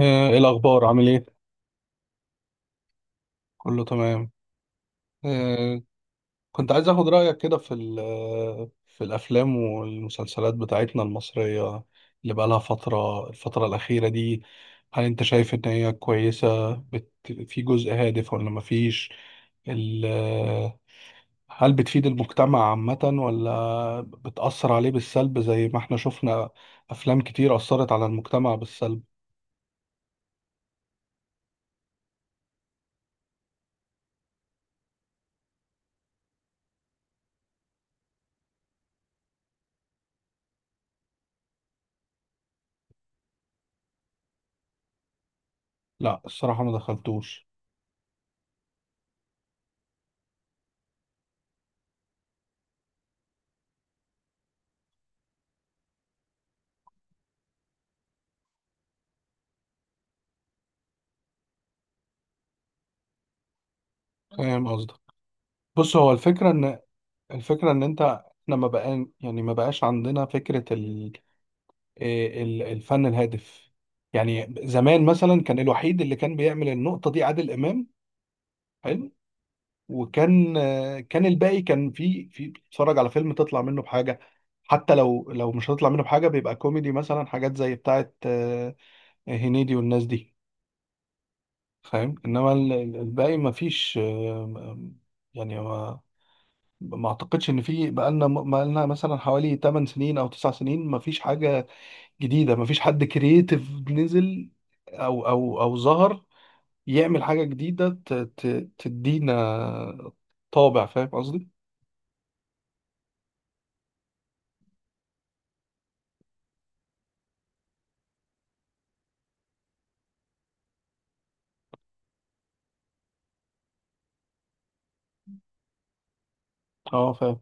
إيه الأخبار عامل إيه؟ كله تمام. آه، كنت عايز أخد رأيك كده في ال- آه، في الأفلام والمسلسلات بتاعتنا المصرية اللي بقالها الفترة الأخيرة دي. هل أنت شايف إن هي كويسة؟ في جزء هادف ولا مفيش؟ ال... آه، هل بتفيد المجتمع عامة ولا بتأثر عليه بالسلب زي ما احنا شفنا أفلام كتير أثرت على المجتمع بالسلب؟ لا الصراحة ما دخلتوش. فاهم قصدك. بص هو الفكرة إن الفكرة إن أنت إحنا ما بقى يعني ما بقاش عندنا فكرة إيه الفن الهادف. يعني زمان مثلا كان الوحيد اللي كان بيعمل النقطة دي عادل إمام. حلو. وكان كان الباقي، كان في بتتفرج على فيلم تطلع منه بحاجة، حتى لو مش هتطلع منه بحاجة بيبقى كوميدي مثلا، حاجات زي بتاعة هنيدي والناس دي، فاهم. إنما الباقي ما فيش يعني ما اعتقدش ان في بقالنا مثلا حوالي 8 سنين او 9 سنين، ما فيش حاجه جديده، ما فيش حد كرييتيف نزل او ظهر يعمل حاجه جديده تدينا طابع، فاهم قصدي. اه فاهم.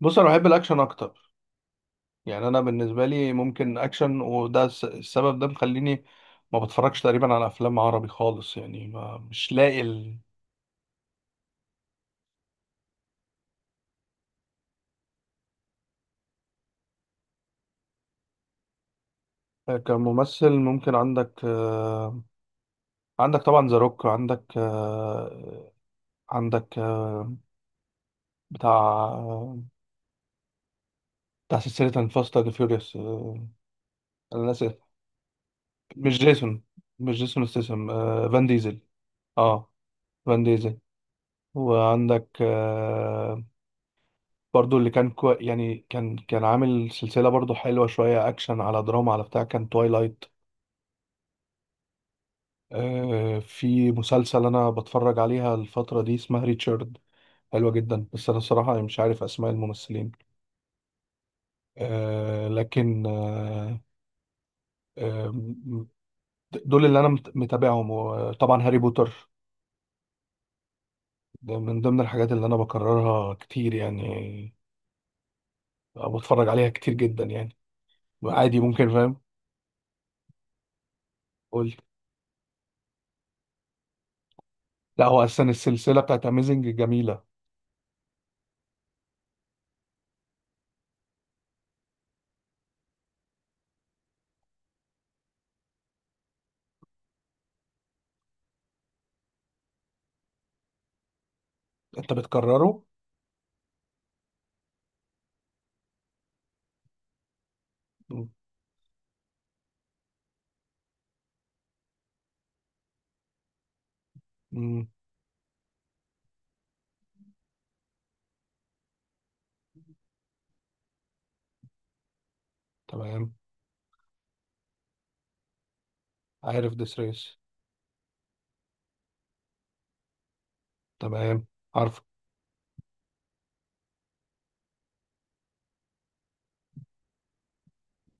بص انا بحب الاكشن اكتر. يعني انا بالنسبه لي ممكن اكشن، وده السبب ده مخليني ما بتفرجش تقريبا على افلام عربي خالص، يعني ما مش لاقي كممثل ممكن عندك عندك طبعا ذا روك، عندك آه، عندك آه، بتاع آه، بتاع سلسلة فاست أند فيوريوس. أنا آسف، مش جيسون مش جيسون ستاثام، فان ديزل. اه، فان ديزل. وعندك برضو اللي كان كو... يعني كان كان عامل سلسلة برضو حلوة، شوية أكشن على دراما على بتاع، كان توايلايت. في مسلسل أنا بتفرج عليها الفترة دي اسمها ريتشارد، حلوة جدا، بس أنا الصراحة مش عارف أسماء الممثلين. آه، لكن آه، دول اللي انا متابعهم، وطبعا هاري بوتر ده من ضمن الحاجات اللي انا بكررها كتير يعني، أو بتفرج عليها كتير جدا يعني، عادي ممكن فاهم. قول. لا هو اصلا السلسله بتاعت اميزنج جميله. انت بتكرره؟ امم. تمام. عارف ديس ريس. تمام. عارف.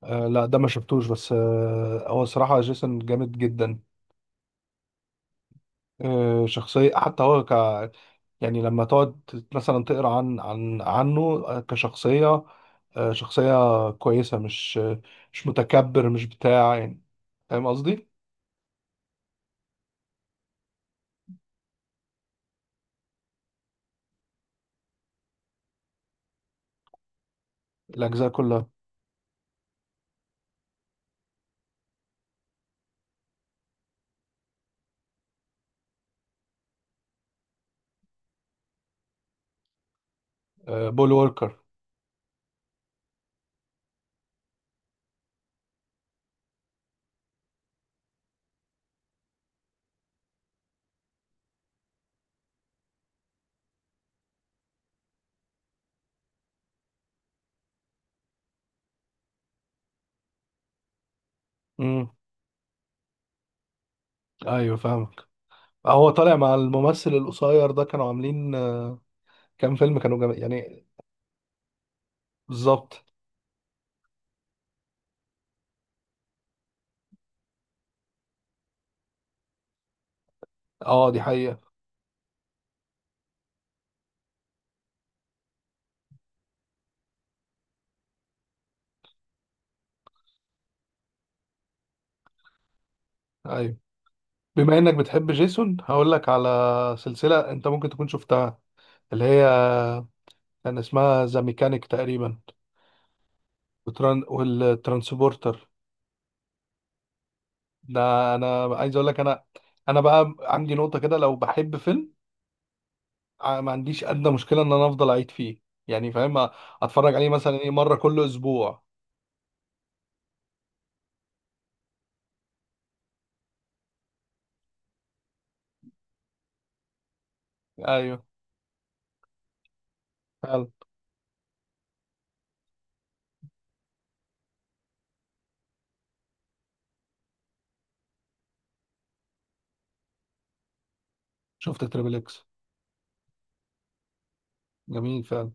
آه، لا ده ما شفتوش، بس آه هو صراحه جيسون جامد جدا. شخصية، حتى هو ك يعني لما تقعد مثلا تقرا عن عنه كشخصية، شخصية كويسة، مش متكبر، مش بتاع يعني، فاهم قصدي؟ الأجزاء كلها. بول ووركر. امم. أيوه فاهمك. هو طالع مع الممثل القصير ده، كانوا عاملين كام فيلم، كانوا يعني بالظبط. اه دي حقيقة. أيوه. بما إنك بتحب جيسون هقول لك على سلسلة أنت ممكن تكون شفتها، اللي هي كان اسمها ذا ميكانيك تقريبا، وتران والترانسبورتر. ده انا عايز اقول لك، انا بقى عندي نقطة كده، لو بحب فيلم ما عنديش ادنى مشكلة ان انا افضل اعيد فيه يعني، فاهم، اتفرج عليه مثلا ايه مرة كل اسبوع. ايوه فعلا. شفت تريبل اكس. جميل فعلا.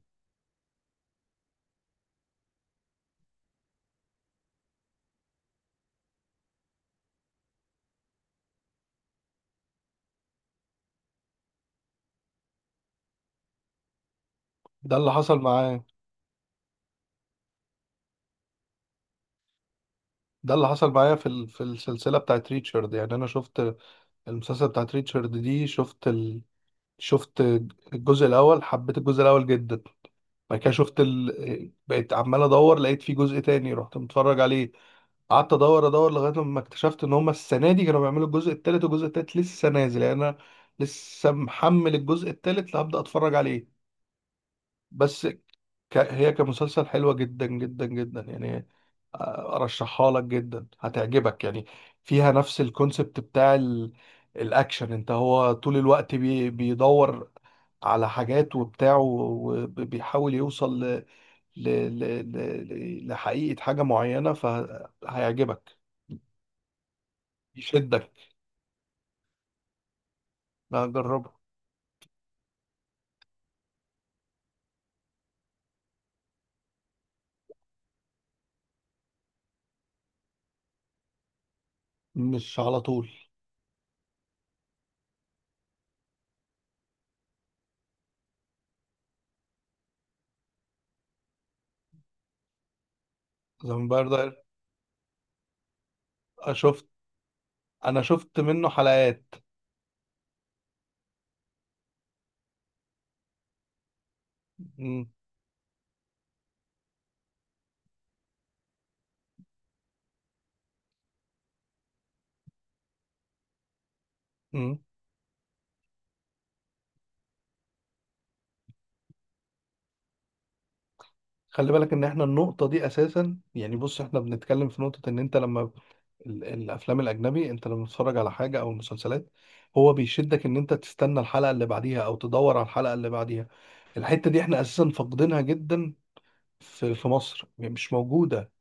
ده اللي حصل معايا. ده اللي حصل معايا في في السلسلة بتاعت ريتشارد، يعني انا شفت المسلسل بتاعت ريتشارد دي، شفت شفت الجزء الاول، حبيت الجزء الاول جدا. بعد كده بقيت عمال ادور، لقيت في جزء تاني رحت متفرج عليه. قعدت ادور لغايه لما اكتشفت ان هما السنه دي كانوا بيعملوا الجزء التالت، والجزء التالت لسه نازل، يعني انا لسه محمل الجزء التالت اللي هبدا اتفرج عليه. بس هي كمسلسل حلوه جدا جدا جدا يعني، ارشحها لك جدا هتعجبك يعني. فيها نفس الكونسبت بتاع الاكشن، انت هو طول الوقت بيدور على حاجات وبتاع، وبيحاول يوصل ل... لحقيقة حاجة معينة، فهيعجبك، يشدك. لا جربه. مش على طول. فامباير داير. شفت، انا شفت منه حلقات. م- م. خلي بالك ان احنا النقطة دي اساسا، يعني بص احنا بنتكلم في نقطة ان انت لما الافلام الاجنبي انت لما بتتفرج على حاجة او مسلسلات، هو بيشدك ان انت تستنى الحلقة اللي بعديها او تدور على الحلقة اللي بعديها. الحتة دي احنا اساسا فاقدينها جدا. في مصر يعني مش موجودة.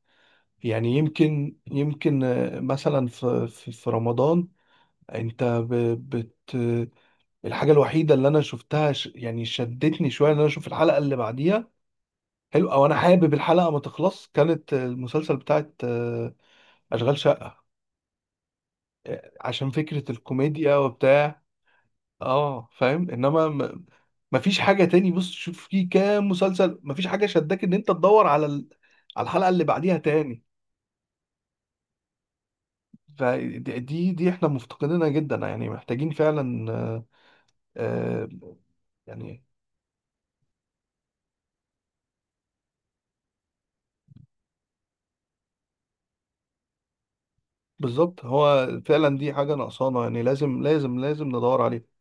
يعني يمكن آه، مثلا في رمضان انت ب- بت الحاجه الوحيده اللي انا شفتها يعني شدتني شويه ان انا اشوف الحلقه اللي بعديها، حلو، او انا حابب الحلقه ما تخلص، كانت المسلسل بتاعت اشغال شقه، عشان فكره الكوميديا وبتاع. اه فاهم. مفيش حاجه تاني. بص شوف في كام مسلسل مفيش حاجه شداك ان انت تدور على على الحلقه اللي بعديها تاني. فدي دي دي احنا مفتقدينها جدا يعني، محتاجين فعلا آه، يعني بالظبط. هو فعلا دي حاجة ناقصانا يعني، لازم لازم لازم ندور عليها.